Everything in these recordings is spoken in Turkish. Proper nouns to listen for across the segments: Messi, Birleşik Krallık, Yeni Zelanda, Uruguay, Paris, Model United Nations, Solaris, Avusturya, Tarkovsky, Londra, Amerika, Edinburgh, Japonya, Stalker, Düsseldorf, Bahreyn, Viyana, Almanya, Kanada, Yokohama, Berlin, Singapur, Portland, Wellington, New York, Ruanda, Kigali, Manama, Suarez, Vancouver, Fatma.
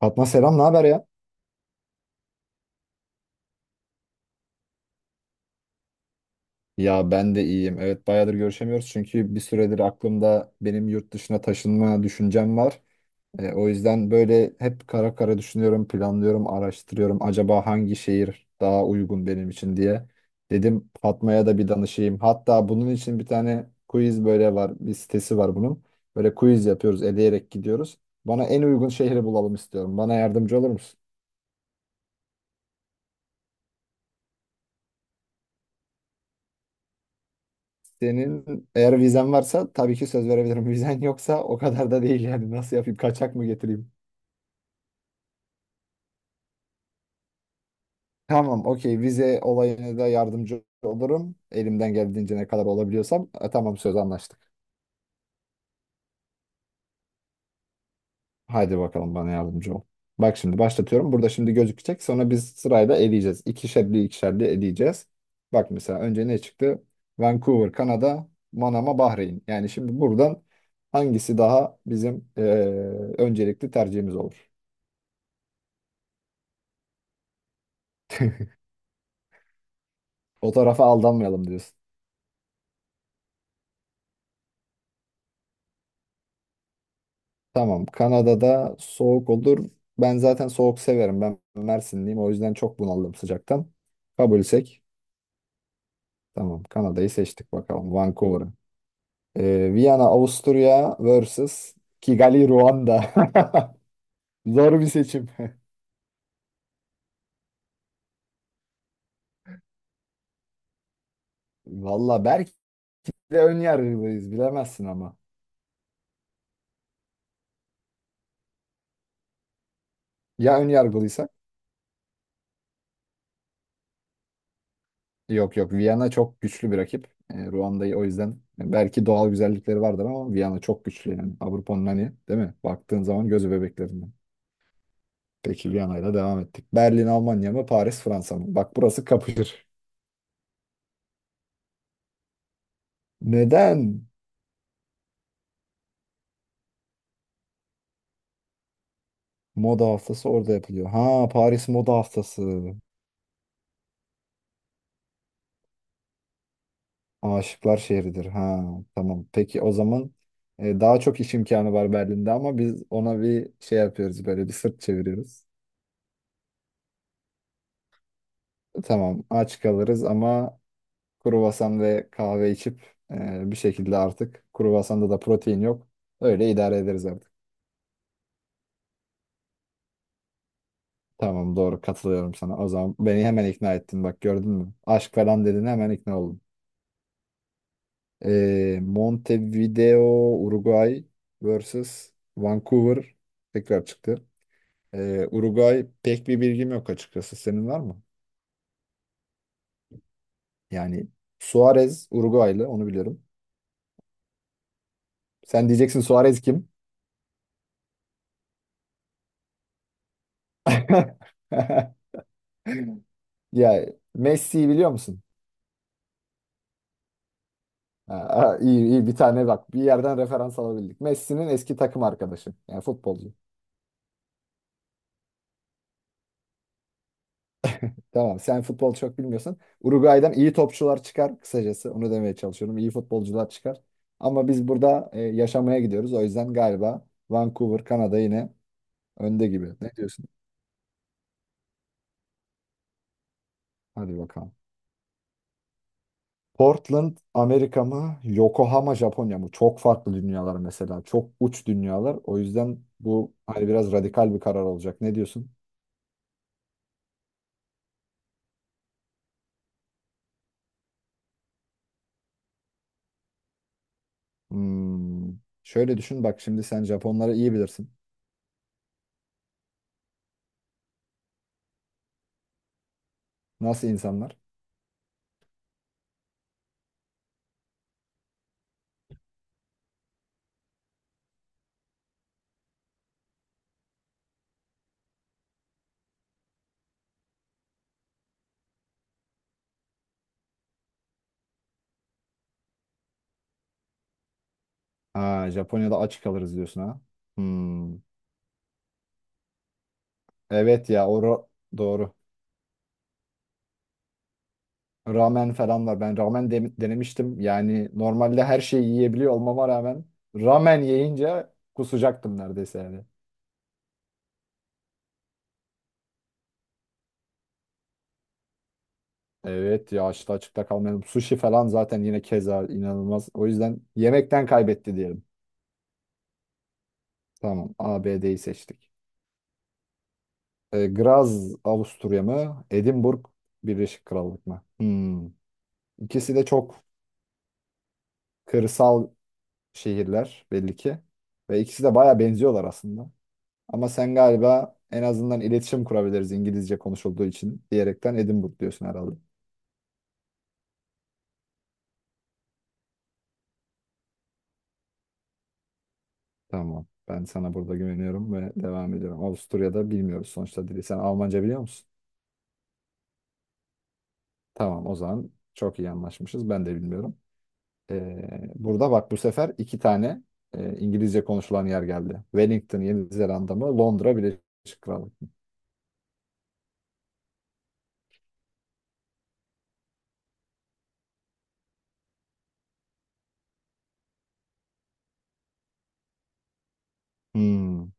Fatma selam, ne haber ya? Ya ben de iyiyim. Evet bayağıdır görüşemiyoruz çünkü bir süredir aklımda benim yurt dışına taşınma düşüncem var. O yüzden böyle hep kara kara düşünüyorum, planlıyorum, araştırıyorum. Acaba hangi şehir daha uygun benim için diye. Dedim Fatma'ya da bir danışayım. Hatta bunun için bir tane quiz böyle var, bir sitesi var bunun. Böyle quiz yapıyoruz, eleyerek gidiyoruz. Bana en uygun şehri bulalım istiyorum. Bana yardımcı olur musun? Senin eğer vizen varsa tabii ki söz verebilirim. Vizen yoksa o kadar da değil yani. Nasıl yapayım? Kaçak mı getireyim? Tamam, okey. Vize olayına da yardımcı olurum. Elimden geldiğince ne kadar olabiliyorsam. Tamam söz anlaştık. Haydi bakalım bana yardımcı ol. Bak şimdi başlatıyorum. Burada şimdi gözükecek. Sonra biz sırayla eleyeceğiz. İkişerli ikişerli eleyeceğiz. Bak mesela önce ne çıktı? Vancouver, Kanada, Manama, Bahreyn. Yani şimdi buradan hangisi daha bizim öncelikli tercihimiz olur? O tarafa aldanmayalım diyorsun. Tamam. Kanada'da soğuk olur. Ben zaten soğuk severim. Ben Mersinliyim. O yüzden çok bunaldım sıcaktan. Kabulsek. Tamam. Kanada'yı seçtik bakalım. Vancouver'ı. Viyana, Avusturya vs. Kigali, Ruanda. Zor bir seçim. Valla belki de ön yargılıyız. Bilemezsin ama. Ya ön yargılıysak? Yok yok Viyana çok güçlü bir rakip. Ruanda'yı o yüzden belki doğal güzellikleri vardır ama Viyana çok güçlü yani. Avrupa'nın hani değil mi? Baktığın zaman gözü bebeklerinden. Peki Viyana'yla devam ettik. Berlin Almanya mı Paris Fransa mı? Bak burası kapışır. Neden? Moda haftası orada yapılıyor. Ha Paris moda haftası. Aşıklar şehridir. Ha tamam. Peki o zaman daha çok iş imkanı var Berlin'de ama biz ona bir şey yapıyoruz böyle bir sırt çeviriyoruz. Tamam aç kalırız ama kruvasan ve kahve içip bir şekilde artık kruvasanda da protein yok. Öyle idare ederiz artık. Tamam doğru katılıyorum sana. O zaman beni hemen ikna ettin bak gördün mü? Aşk falan dedin hemen ikna oldum. Montevideo, Uruguay vs Vancouver tekrar çıktı. Uruguay pek bir bilgim yok açıkçası. Senin var mı? Yani Suarez Uruguaylı onu biliyorum. Sen diyeceksin Suarez kim? Ya Messi'yi biliyor musun? Ha, ha, iyi iyi bir tane bak bir yerden referans alabildik. Messi'nin eski takım arkadaşı yani futbolcu. Tamam sen futbol çok bilmiyorsun. Uruguay'dan iyi topçular çıkar kısacası onu demeye çalışıyorum. İyi futbolcular çıkar. Ama biz burada yaşamaya gidiyoruz. O yüzden galiba Vancouver Kanada yine önde gibi. Ne diyorsun? Hadi bakalım. Portland Amerika mı? Yokohama Japonya mı? Çok farklı dünyalar mesela. Çok uç dünyalar. O yüzden bu hani biraz radikal bir karar olacak. Ne diyorsun? Hmm. Şöyle düşün bak şimdi sen Japonları iyi bilirsin. Nasıl insanlar? Ha, Japonya'da aç kalırız diyorsun ha. Hmm. Evet ya doğru. Ramen falan var. Ben ramen denemiştim. Yani normalde her şeyi yiyebiliyor olmama rağmen ramen yiyince kusacaktım neredeyse yani. Evet ya açta açıkta kalmayalım. Sushi falan zaten yine keza inanılmaz. O yüzden yemekten kaybetti diyelim. Tamam ABD'yi seçtik. Graz Avusturya mı? Edinburgh Birleşik Krallık mı? Hmm. İkisi de çok kırsal şehirler belli ki. Ve ikisi de baya benziyorlar aslında. Ama sen galiba en azından iletişim kurabiliriz İngilizce konuşulduğu için diyerekten Edinburgh diyorsun herhalde. Tamam. Ben sana burada güveniyorum ve devam ediyorum. Avusturya'da bilmiyoruz sonuçta dili. Sen Almanca biliyor musun? Tamam o zaman çok iyi anlaşmışız. Ben de bilmiyorum. Burada bak bu sefer iki tane İngilizce konuşulan yer geldi. Wellington, Yeni Zelanda mı? Londra, Birleşik Krallık mı? Hmm,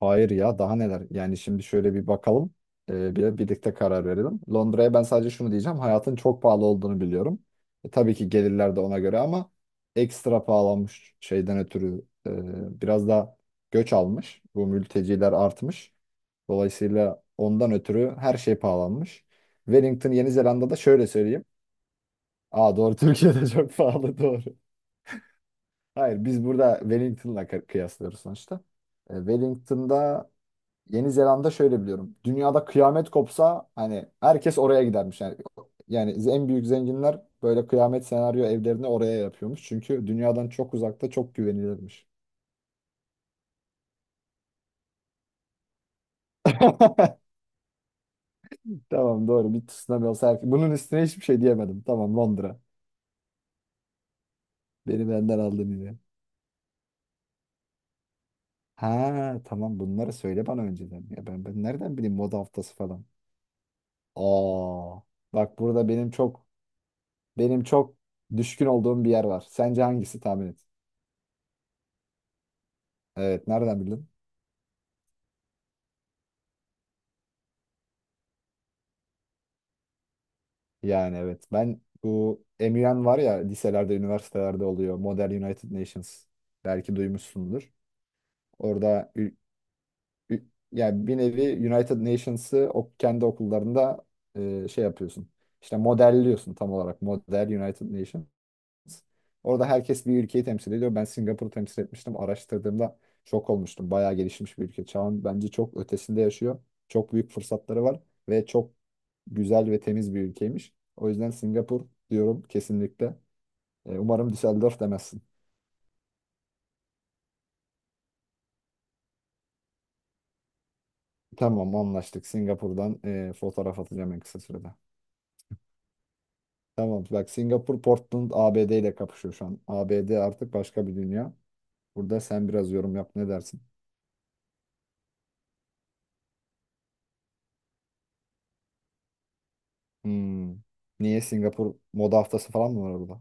hayır ya daha neler? Yani şimdi şöyle bir bakalım. Birlikte karar verelim. Londra'ya ben sadece şunu diyeceğim. Hayatın çok pahalı olduğunu biliyorum. Tabii ki gelirler de ona göre ama ekstra pahalanmış şeyden ötürü biraz da göç almış. Bu mülteciler artmış. Dolayısıyla ondan ötürü her şey pahalanmış. Wellington, Yeni Zelanda'da şöyle söyleyeyim. Aa doğru. Türkiye'de çok pahalı doğru. Hayır biz burada Wellington'la kıyaslıyoruz sonuçta. Wellington'da Yeni Zelanda şöyle biliyorum. Dünyada kıyamet kopsa hani herkes oraya gidermiş. Yani en büyük zenginler böyle kıyamet senaryo evlerini oraya yapıyormuş. Çünkü dünyadan çok uzakta çok güvenilirmiş. Tamam doğru bir tsunami olsa herkes. Bunun üstüne hiçbir şey diyemedim. Tamam Londra. Beni benden aldın yine. Ha tamam bunları söyle bana önceden. Ya ben nereden bileyim moda haftası falan. Aa, bak burada benim çok düşkün olduğum bir yer var. Sence hangisi tahmin et? Evet, nereden bildin? Yani evet. Ben bu MUN var ya liselerde, üniversitelerde oluyor. Model United Nations. Belki duymuşsundur. Orada ü- yani bir nevi United Nations'ı o kendi okullarında şey yapıyorsun. İşte modelliyorsun tam olarak. Model United Nations. Orada herkes bir ülkeyi temsil ediyor. Ben Singapur'u temsil etmiştim. Araştırdığımda şok olmuştum. Bayağı gelişmiş bir ülke. Çağın bence çok ötesinde yaşıyor. Çok büyük fırsatları var ve çok güzel ve temiz bir ülkeymiş. O yüzden Singapur diyorum kesinlikle. Umarım Düsseldorf demezsin. Tamam anlaştık. Singapur'dan fotoğraf atacağım en kısa sürede. Tamam bak Singapur Portland ABD ile kapışıyor şu an. ABD artık başka bir dünya. Burada sen biraz yorum yap ne dersin? Hmm. Niye Singapur moda haftası falan mı var orada?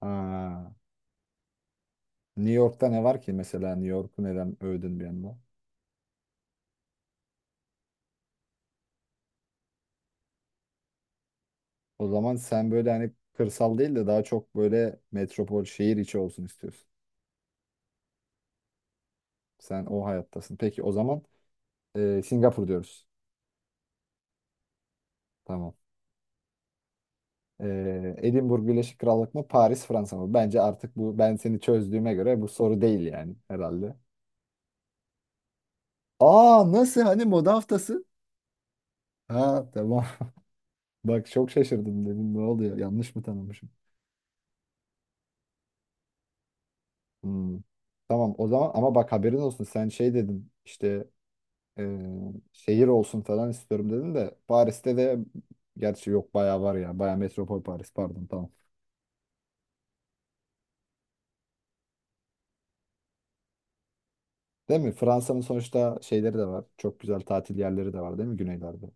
Ha. New York'ta ne var ki mesela New York'u neden övdün bir anda? O zaman sen böyle hani kırsal değil de daha çok böyle metropol şehir içi olsun istiyorsun. Sen o hayattasın. Peki o zaman Singapur diyoruz. Tamam. Edinburgh Birleşik Krallık mı Paris Fransa mı? Bence artık bu ben seni çözdüğüme göre bu soru değil yani herhalde. Aa nasıl hani moda haftası? Ha tamam. Bak çok şaşırdım dedim ne oluyor yanlış mı tanımışım? Hmm. Tamam o zaman ama bak haberin olsun sen şey dedin işte e, şehir olsun falan istiyorum dedim de Paris'te de gerçi yok bayağı var ya. Bayağı metropol Paris pardon tamam. Değil mi? Fransa'nın sonuçta şeyleri de var. Çok güzel tatil yerleri de var değil mi güneylerde?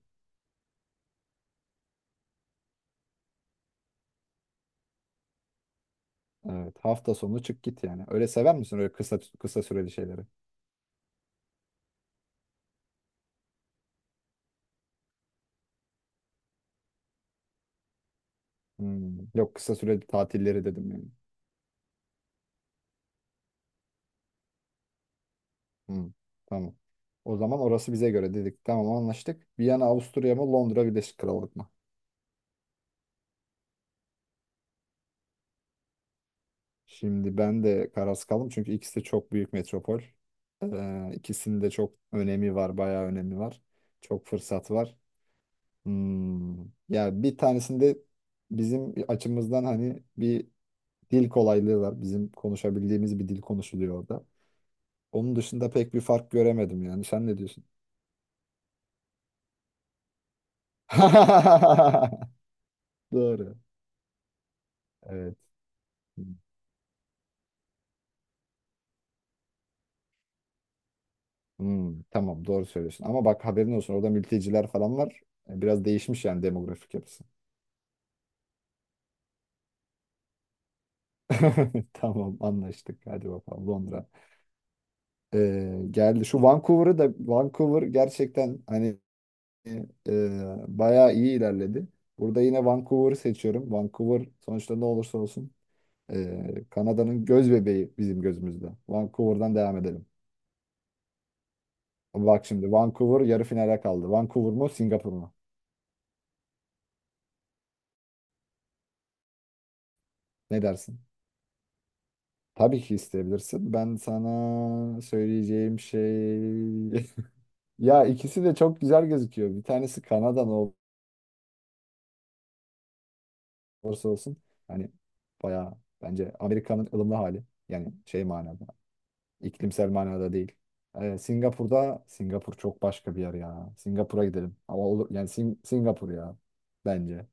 Evet. Hafta sonu çık git yani. Öyle sever misin öyle kısa kısa süreli şeyleri? Hmm, yok kısa süreli tatilleri dedim yani. Hmm. Tamam. O zaman orası bize göre dedik. Tamam anlaştık. Viyana, Avusturya mı Londra, Birleşik Krallık mı? Şimdi ben de kararsız kaldım çünkü ikisi de çok büyük metropol. İkisinde çok önemi var, bayağı önemi var. Çok fırsat var. Hmm. Ya bir tanesinde bizim açımızdan hani bir dil kolaylığı var. Bizim konuşabildiğimiz bir dil konuşuluyor orada. Onun dışında pek bir fark göremedim yani. Sen ne diyorsun? Doğru. Evet. Hmm, tamam doğru söylüyorsun. Ama bak haberin olsun orada mülteciler falan var. Biraz değişmiş yani demografik yapısı. Tamam anlaştık. Hadi bakalım Londra. Geldi. Şu Vancouver'ı da Vancouver gerçekten hani bayağı iyi ilerledi. Burada yine Vancouver'ı seçiyorum. Vancouver sonuçta ne olursa olsun Kanada'nın göz bebeği bizim gözümüzde. Vancouver'dan devam edelim. Bak şimdi Vancouver yarı finale kaldı. Vancouver mu Singapur mu? Ne dersin? Tabii ki isteyebilirsin. Ben sana söyleyeceğim şey. Ya ikisi de çok güzel gözüküyor. Bir tanesi Kanada'nın olursa olsun hani bayağı bence Amerika'nın ılımlı hali yani şey manada iklimsel manada değil. Singapur'da Singapur çok başka bir yer ya. Singapur'a gidelim. Ama olur yani Singapur ya bence.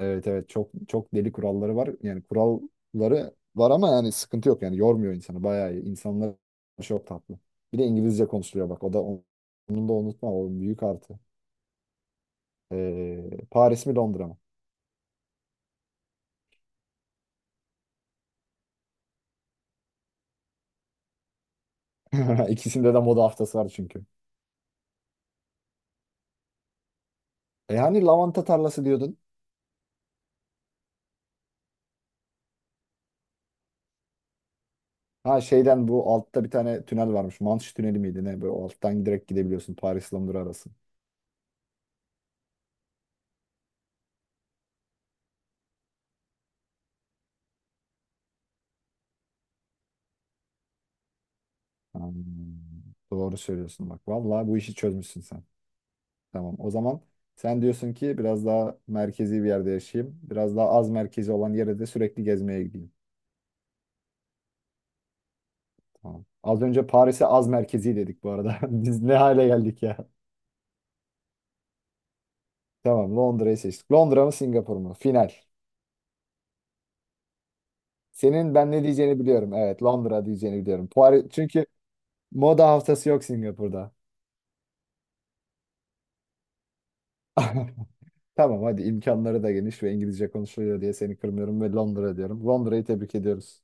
Evet evet çok çok deli kuralları var. Yani kuralları var ama yani sıkıntı yok yani yormuyor insanı bayağı iyi. İnsanlar çok tatlı. Bir de İngilizce konuşuluyor bak o da onun da unutma o büyük artı. Paris mi Londra mı? İkisinde de moda haftası var çünkü. Hani lavanta tarlası diyordun. Ha şeyden bu altta bir tane tünel varmış. Manş tüneli miydi ne? Böyle alttan direkt gidebiliyorsun. Paris Londra arası. Hmm, doğru söylüyorsun bak. Vallahi bu işi çözmüşsün sen. Tamam. O zaman sen diyorsun ki biraz daha merkezi bir yerde yaşayayım. Biraz daha az merkezi olan yere de sürekli gezmeye gideyim. Tamam. Az önce Paris'e az merkezi dedik bu arada. Biz ne hale geldik ya. Tamam Londra'yı seçtik. Londra mı Singapur mu? Final. Senin ben ne diyeceğini biliyorum. Evet Londra diyeceğini biliyorum. Paris, çünkü moda haftası yok Singapur'da. Tamam hadi imkanları da geniş ve İngilizce konuşuluyor diye seni kırmıyorum ve Londra diyorum. Londra'yı tebrik ediyoruz.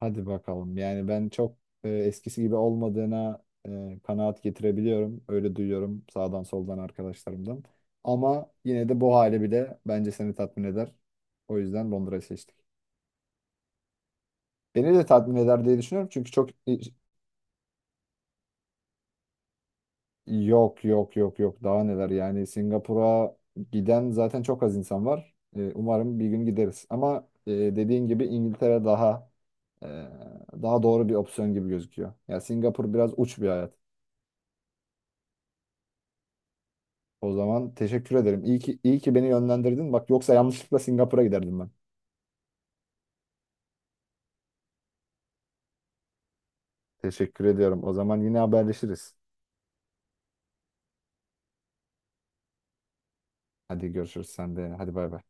Hadi bakalım. Yani ben çok eskisi gibi olmadığına kanaat getirebiliyorum. Öyle duyuyorum sağdan soldan arkadaşlarımdan. Ama yine de bu hali bile bence seni tatmin eder. O yüzden Londra'yı seçtik. Beni de tatmin eder diye düşünüyorum. Çünkü çok. Yok yok yok yok daha neler yani Singapur'a giden zaten çok az insan var. Umarım bir gün gideriz. Ama dediğin gibi İngiltere daha e, doğru bir opsiyon gibi gözüküyor. Ya Singapur biraz uç bir hayat. O zaman teşekkür ederim. İyi ki iyi ki beni yönlendirdin. Bak yoksa yanlışlıkla Singapur'a giderdim ben. Teşekkür ediyorum. O zaman yine haberleşiriz. Hadi görüşürüz sen de. Hadi bay bay.